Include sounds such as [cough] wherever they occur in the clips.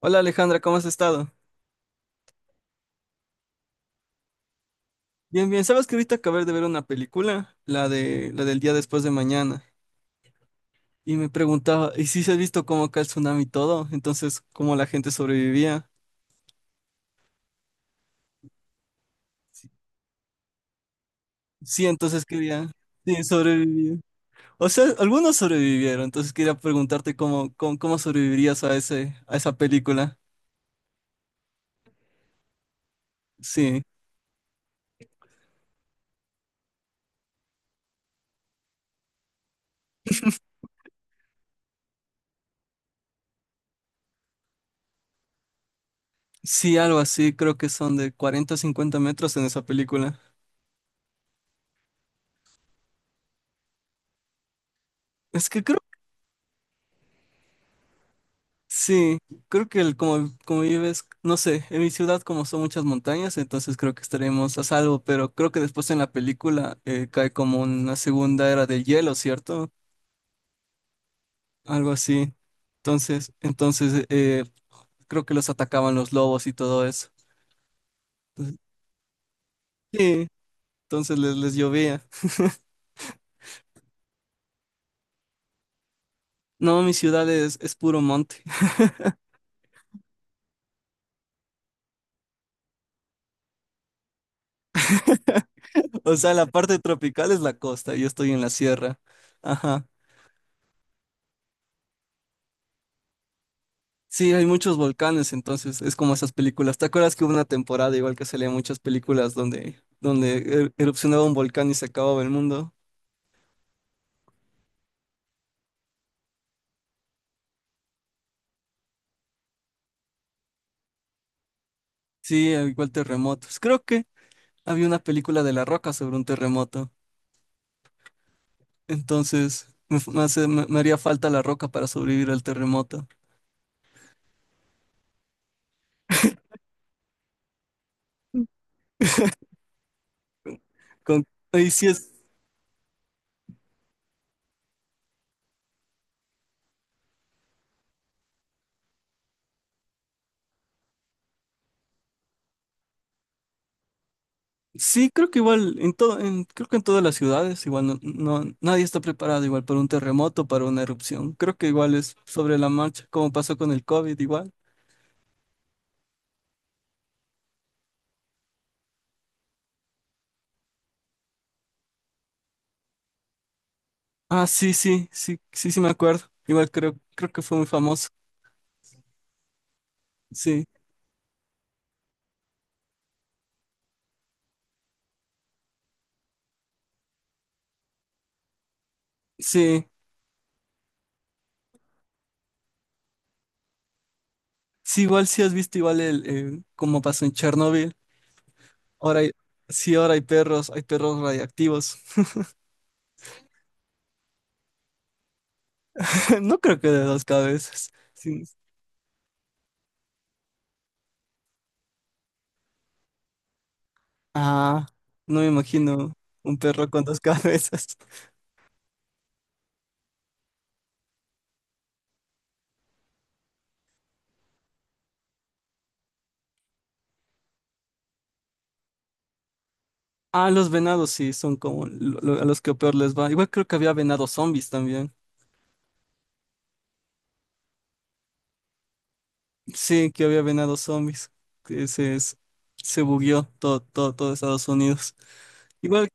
Hola Alejandra, ¿cómo has estado? Bien, bien. Sabes que ahorita acabé de ver una película, la de la del día después de mañana, y me preguntaba, ¿y si se ha visto cómo acá el tsunami y todo? Entonces, ¿cómo la gente sobrevivía? Sí, entonces quería, sí, sobrevivir. O sea, algunos sobrevivieron, entonces quería preguntarte cómo sobrevivirías a ese, a esa película. Sí, sí, algo así, creo que son de 40, o 50 metros en esa película. Es que creo sí, creo que el, como, como vives, no sé, en mi ciudad como son muchas montañas, entonces creo que estaremos a salvo, pero creo que después en la película cae como una segunda era del hielo, ¿cierto? Algo así. Entonces, creo que los atacaban los lobos y todo eso. Entonces, sí, entonces les llovía. No, mi ciudad es puro monte. [laughs] O sea, la parte tropical es la costa, yo estoy en la sierra. Ajá. Sí, hay muchos volcanes, entonces es como esas películas. ¿Te acuerdas que hubo una temporada igual que salían muchas películas donde, erupcionaba un volcán y se acababa el mundo? Sí, al igual terremotos. Creo que había una película de La Roca sobre un terremoto. Entonces me, f- me hace- me- Me haría falta La Roca para sobrevivir al terremoto. Con, y sí es, sí, creo que igual en todo, creo que en todas las ciudades igual no, nadie está preparado igual para un terremoto, para una erupción. Creo que igual es sobre la marcha, como pasó con el COVID igual. Ah, sí me acuerdo. Igual creo, creo que fue muy famoso. Sí, sí, sí, igual sí has visto igual el, cómo pasó en Chernóbil. Ahora hay, sí, ahora hay perros radiactivos. [laughs] No creo que de dos cabezas. Sí. Ah, no me imagino un perro con dos [laughs] cabezas. Ah, los venados sí, son como a los que peor les va. Igual creo que había venados zombies también. Sí, que había venados zombies. Que se bugueó todo Estados Unidos. Igual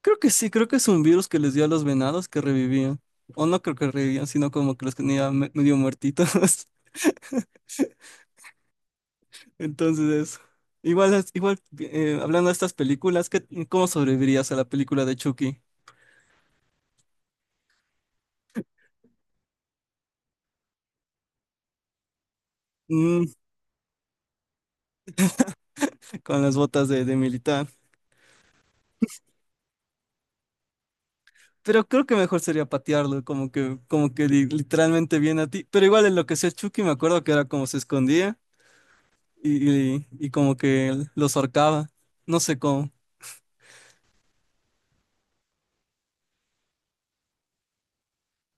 creo que sí, creo que es un virus que les dio a los venados que revivían. O no creo que revivían, sino como que los tenía medio muertitos. [laughs] Entonces, eso. Igual, igual hablando de estas películas, ¿qué, cómo sobrevivirías a la película de Chucky? Mm, con las botas de militar. Pero creo que mejor sería patearlo, como que literalmente viene a ti. Pero igual en lo que sea Chucky, me acuerdo que era como se escondía y como que los ahorcaba. No sé cómo.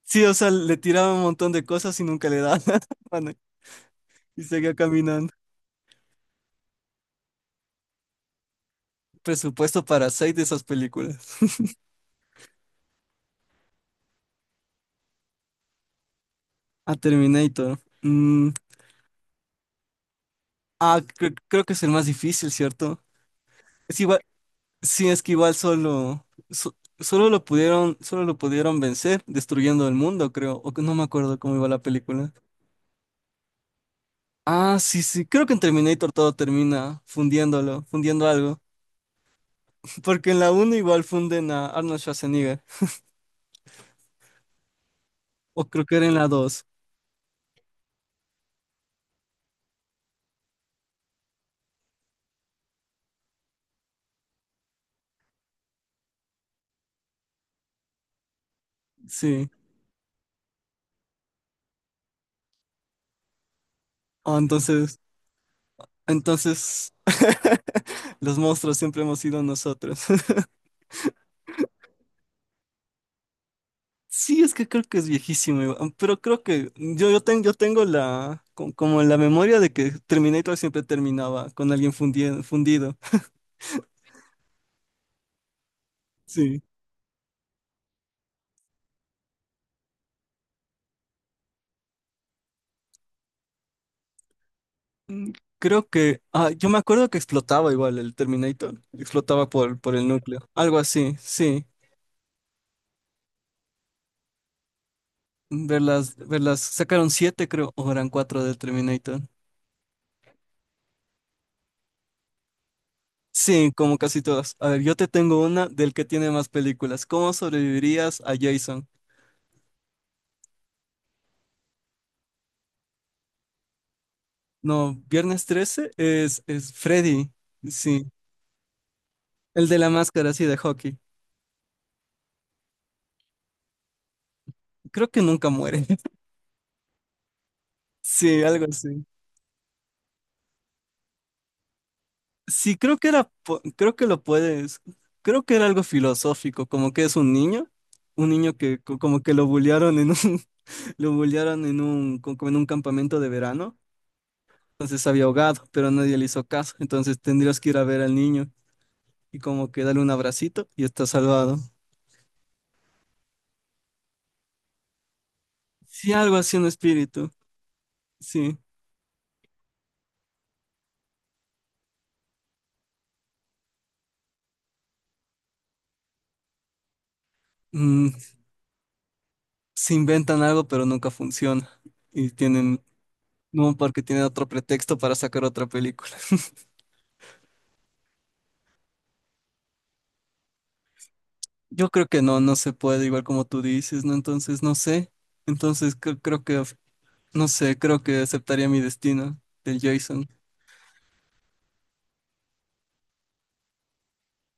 Sí, o sea, le tiraba un montón de cosas y nunca le daba [laughs] nada, mano, y seguía caminando. Presupuesto para seis de esas películas. A Terminator. Mm, ah, creo que es el más difícil, ¿cierto? Es igual, sí, es que igual solo, solo lo pudieron vencer destruyendo el mundo, creo. O que no me acuerdo cómo iba la película. Ah, sí, sí, creo que en Terminator todo termina fundiéndolo, fundiendo algo. [laughs] Porque en la uno igual funden a Arnold Schwarzenegger. O creo que era en la dos. Sí. Ah, entonces entonces, [laughs] los monstruos siempre hemos sido nosotros. [laughs] Sí, es que creo que es viejísimo, igual, pero creo que yo tengo la, como la memoria de que Terminator siempre terminaba con alguien fundido. [laughs] Sí. Mm, creo que, ah, yo me acuerdo que explotaba igual el Terminator, explotaba por el núcleo, algo así, sí. Verlas, verlas, sacaron siete creo, o eran cuatro del Terminator. Sí, como casi todas. A ver, yo te tengo una del que tiene más películas. ¿Cómo sobrevivirías a Jason? No, Viernes 13 es Freddy. Sí, el de la máscara, sí, de hockey. Creo que nunca muere. [laughs] Sí, algo así. Sí, creo que era, creo que lo puedes, creo que era algo filosófico, como que es un niño que como que lo bullearon en un, [laughs] lo bullearon en un, como en un campamento de verano, entonces había ahogado, pero nadie le hizo caso, entonces tendrías que ir a ver al niño. Y como que dale un abracito y está salvado. Sí, algo así un espíritu, sí. Mm, se inventan algo, pero nunca funciona. Y tienen, no, porque tienen otro pretexto para sacar otra película. [laughs] Yo creo que no, no se puede, igual como tú dices, ¿no? Entonces, no sé. Entonces, creo que, no sé, creo que aceptaría mi destino del Jason.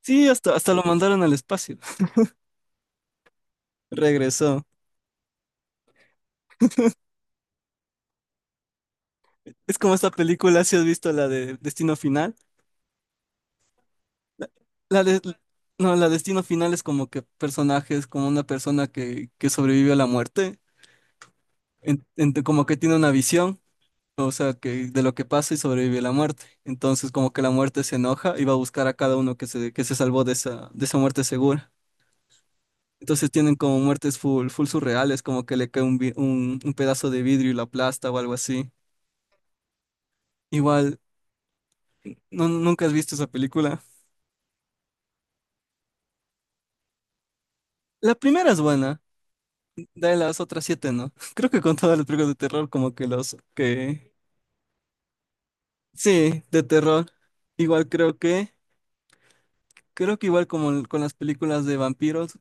Sí, hasta, hasta lo mandaron al espacio. [laughs] Regresó. Es como esta película, si has visto la de Destino Final. La la de- no, la destino final es como que personajes, como una persona que sobrevive a la muerte, como que tiene una visión, o sea, que de lo que pasa y sobrevive a la muerte. Entonces, como que la muerte se enoja y va a buscar a cada uno que se salvó de esa muerte segura. Entonces tienen como muertes full, full surreales, como que le cae un, un pedazo de vidrio y la aplasta o algo así. Igual, no, ¿nunca has visto esa película? La primera es buena. De las otras siete, ¿no? [laughs] Creo que con todas las películas de terror, como que los que... Sí, de terror. Igual creo que... Creo que igual como con las películas de vampiros,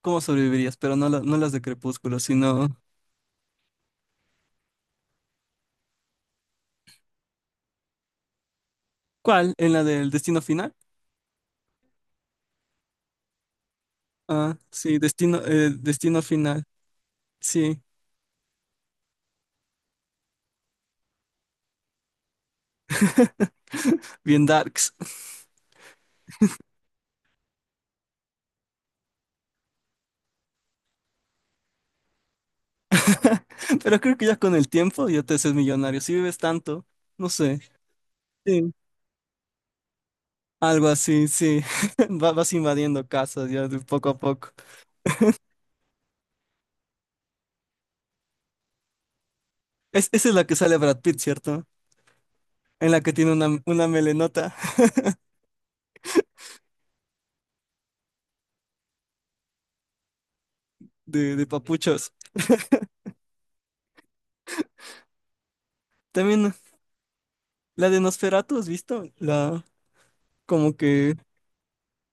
¿cómo sobrevivirías? Pero no, no las de Crepúsculo, sino... ¿Cuál? ¿En la del Destino Final? Ah, sí, Destino, Destino Final. Sí, bien darks. [laughs] Pero creo que ya con el tiempo ya te haces millonario. Si vives tanto, no sé. Sí. Algo así, sí. [laughs] Vas invadiendo casas ya de poco a poco. Es, esa es la que sale Brad Pitt, ¿cierto? En la que tiene una melenota. [laughs] De papuchos. También la de Nosferatu, ¿has visto? La, como que...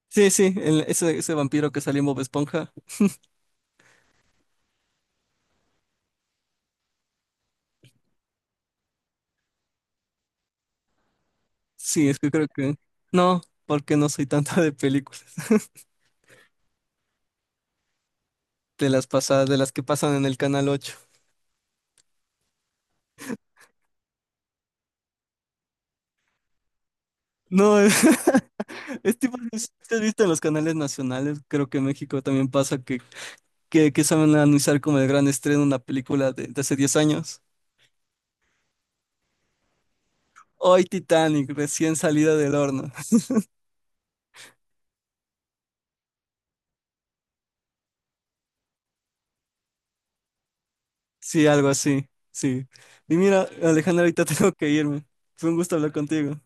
Sí, sí, ese, ese vampiro que salió en Bob Esponja. Sí, es que creo que... No, porque no soy tanto de películas. [laughs] De las pasadas, de las que pasan en el Canal 8. No, es, [laughs] es tipo... es- ¿te Has visto en los canales nacionales? Creo que en México también pasa que saben anunciar como el gran estreno una película de hace 10 años. Hoy Titanic, recién salida del horno. [laughs] Sí, algo así. Sí. Y mira, Alejandra, ahorita [laughs] tengo que irme. Fue un gusto hablar contigo.